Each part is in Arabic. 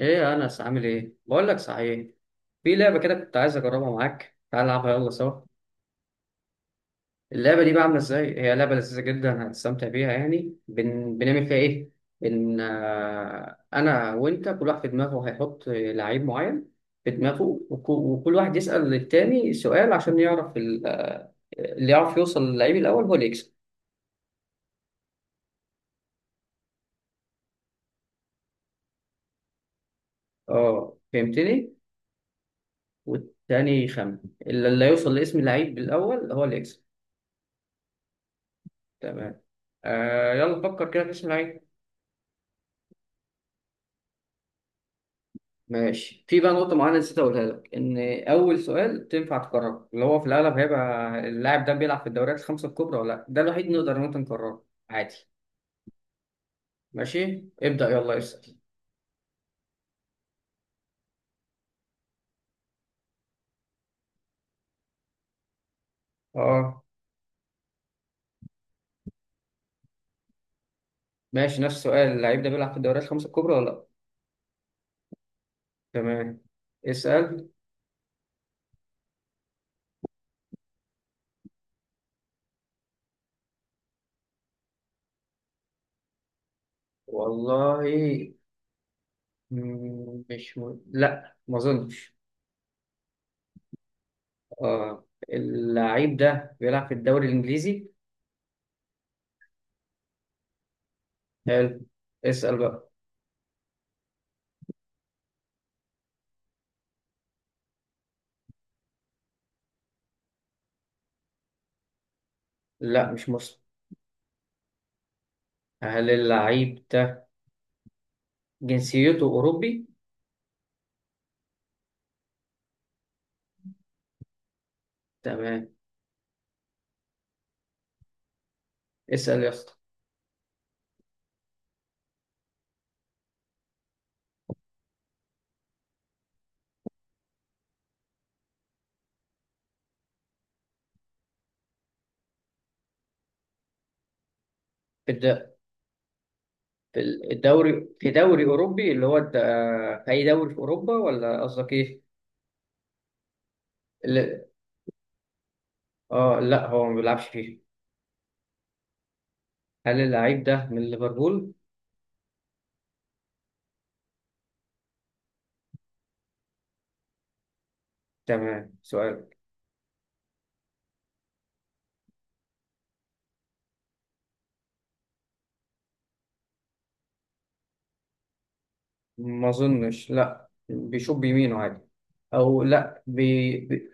ايه يا انس، عامل ايه؟ بقول لك صحيح، في لعبه كده كنت عايز اجربها معاك، تعال نلعبها يلا سوا. اللعبه دي بقى عامله ازاي؟ هي لعبه لذيذه جدا، هتستمتع بيها. يعني بنعمل فيها ايه؟ بن آه، انا وانت كل واحد في دماغه هيحط لعيب معين في دماغه، وكل واحد يسأل للتاني سؤال عشان يعرف ال... آه، اللي يعرف يوصل للعيب الاول هو اللي يكسب. اه، فهمتني. والتاني يخمن. اللي يوصل لاسم اللعيب الاول هو اللي يكسب. تمام. يلا فكر كده في اسم لعيب. ماشي، في بقى نقطة معينة نسيت أقولها لك، إن أول سؤال تنفع تكرره اللي هو في الأغلب هيبقى اللاعب ده بيلعب في الدوريات الخمسة الكبرى ولا لأ، ده الوحيد نقدر إن إحنا نكرره عادي. ماشي، ابدأ، يلا اسأل. أه. ماشي، نفس السؤال، اللاعب ده بيلعب في الدوريات الخمسة الكبرى ولا لأ؟ تمام. اسأل. والله، مش م... لأ ما أظنش. أه. اللاعب ده بيلعب في الدوري الإنجليزي. حلو. اسأل بقى. لأ مش مصري. هل اللاعب ده جنسيته أوروبي؟ تمام. اسأل يا اسطى. في الد- في الدوري، في دوري أوروبي اللي هو في أي دوري في أوروبا، ولا قصدك إيه؟ اللي... لا، هو ما بيلعبش فيه. هل اللعيب ده من ليفربول؟ تمام، سؤال. ما أظنش، لا بيشوط بيمينه عادي، أو لا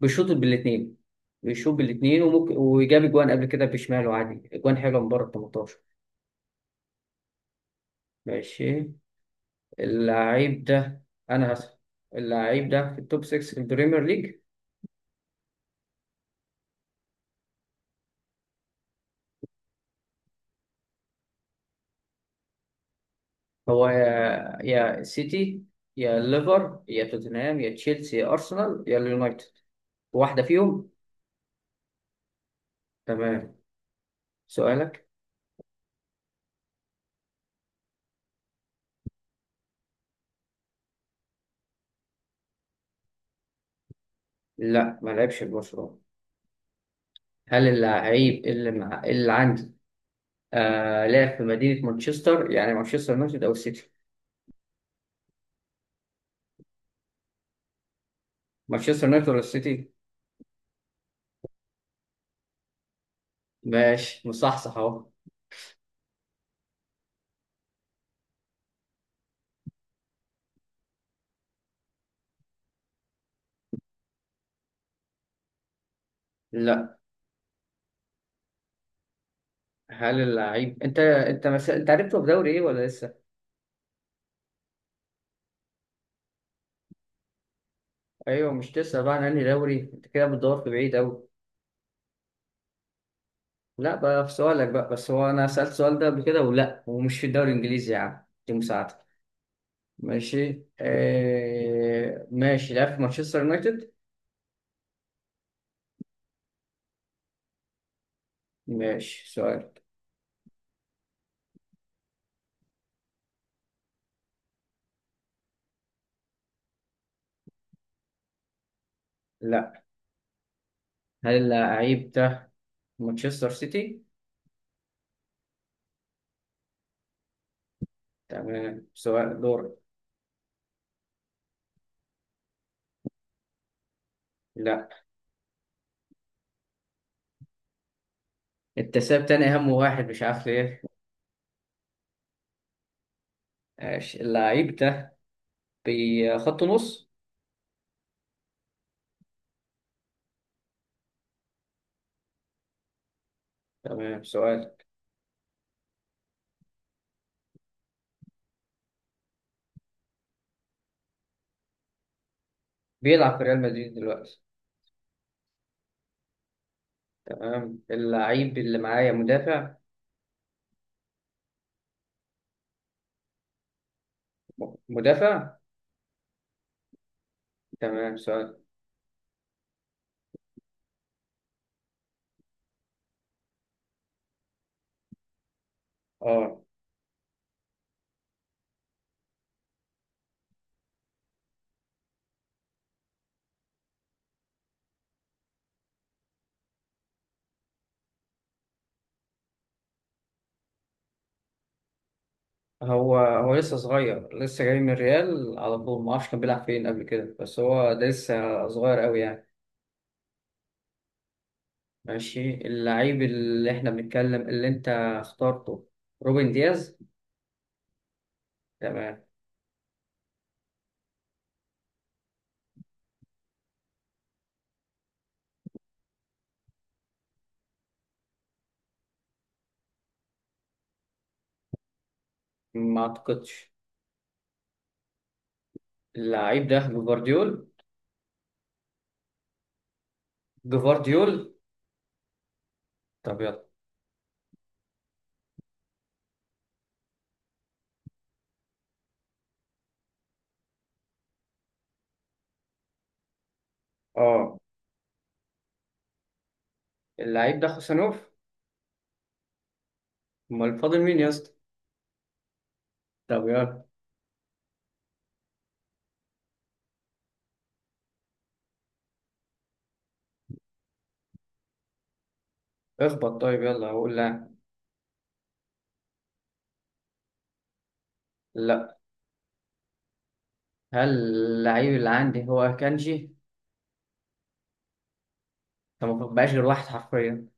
بيشوط بالاتنين. بيشوط بالاتنين، وممكن وجاب أجوان قبل كده بشماله عادي، أجوان حلوة من بره ال 18. ماشي، اللعيب ده. انا هسأل. اللعيب ده في التوب 6 في البريمير ليج. هو يا سيتي، يا ليفر، يا توتنهام، يا تشيلسي، يا ارسنال، يا اليونايتد، واحده فيهم. تمام، سؤالك. لا ما لعبش في برشلونه. هل اللعيب اللي عندي، لعب في مدينه مانشستر، يعني مانشستر يونايتد او السيتي؟ مانشستر يونايتد ولا السيتي؟ ماشي، مصحصح اهو. لا. هل اللعيب انت عرفته في دوري ايه ولا لسه؟ ايوه، مش تسأل بقى عن انهي دوري؟ انت كده بتدور في بعيد قوي. لا بقى في سؤالك بقى، بس هو انا سألت السؤال ده قبل كده، ولا هو مش في الدوري الانجليزي؟ يا عم، دي مساعدتك. ماشي. ماشي، لعب في مانشستر يونايتد؟ ماشي، سؤال. لا. هل اللعيب ده مانشستر سيتي؟ تمام، سؤال دور. لا. انت ساب تاني اهم واحد، مش عارف ليه. ماشي، اللعيب ده بخط نص. تمام، سؤال. بيلعب في ريال مدريد دلوقتي. تمام، اللعيب اللي معايا مدافع. مدافع. تمام، سؤال. اه. هو لسه صغير، لسه جاي من الريال على طول، ما اعرفش كان بيلعب فين قبل كده، بس هو ده لسه صغير قوي يعني. ماشي، اللعيب اللي احنا بنتكلم اللي انت اخترته روبن دياز. تمام. ما اعتقدش. اللعيب ده جفارديول. جفارديول. طب يلا. اه. اللعيب ده خوسانوف. امال فاضل مين يا اسطى؟ طب يلا. اخبط طيب، يلا هقول لا. لا. هل اللعيب اللي عندي هو كانجي؟ فما بقاش غير واحد حرفيا.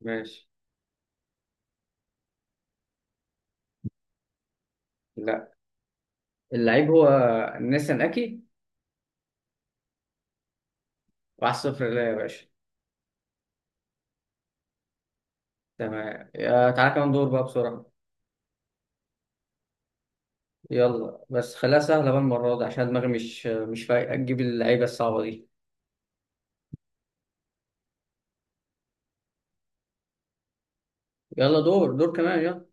ماشي. لا. اللعيب هو نيسان أكي. واحد صفر ليا يا باشا. تمام، يا تعالى كمان دور بقى بسرعة. يلا بس خليها سهلة بقى المرة دي، عشان دماغي مش فايقة تجيب اللعيبة الصعبة دي. يلا دور دور كمان يلا.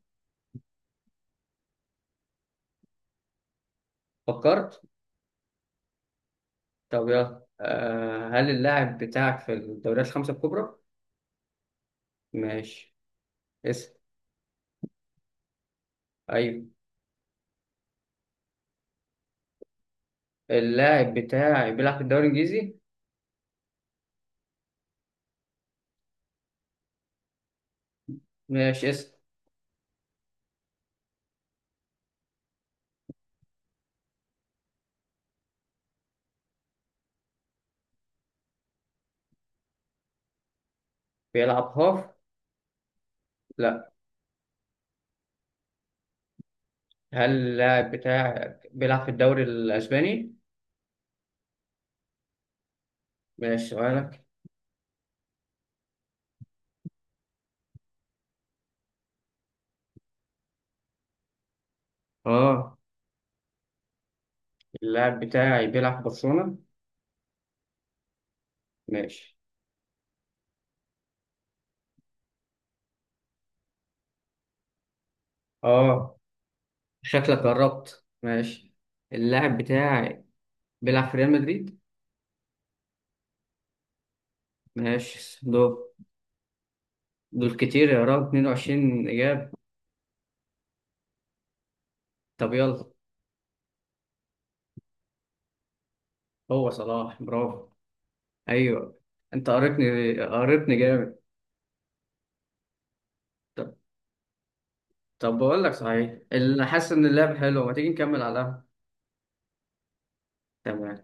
فكرت. طب يلا. هل اللاعب بتاعك في الدوريات الخمسة الكبرى؟ ماشي، اسم. أيوه. اللاعب بتاعي بيلعب في الدوري الإنجليزي؟ ماشي، اسم. بيلعب هاف؟ لا. هل اللاعب بتاعك بيلعب في الدوري الأسباني؟ ماشي، سؤالك. اه. اللاعب بتاعي بيلعب في برشلونة؟ ماشي. اه. شكلك قربت. ماشي، اللاعب بتاعي بيلعب في ريال مدريد. ماشي، دول. دول كتير يا راجل، 22 إجابة. طب يلا. هو صلاح، برافو. أيوه. أنت قريتني قريتني جامد. طب. طب بقول لك صحيح، اللي حاسس إن اللعب حلو، ما تيجي نكمل على القهوة؟ تمام.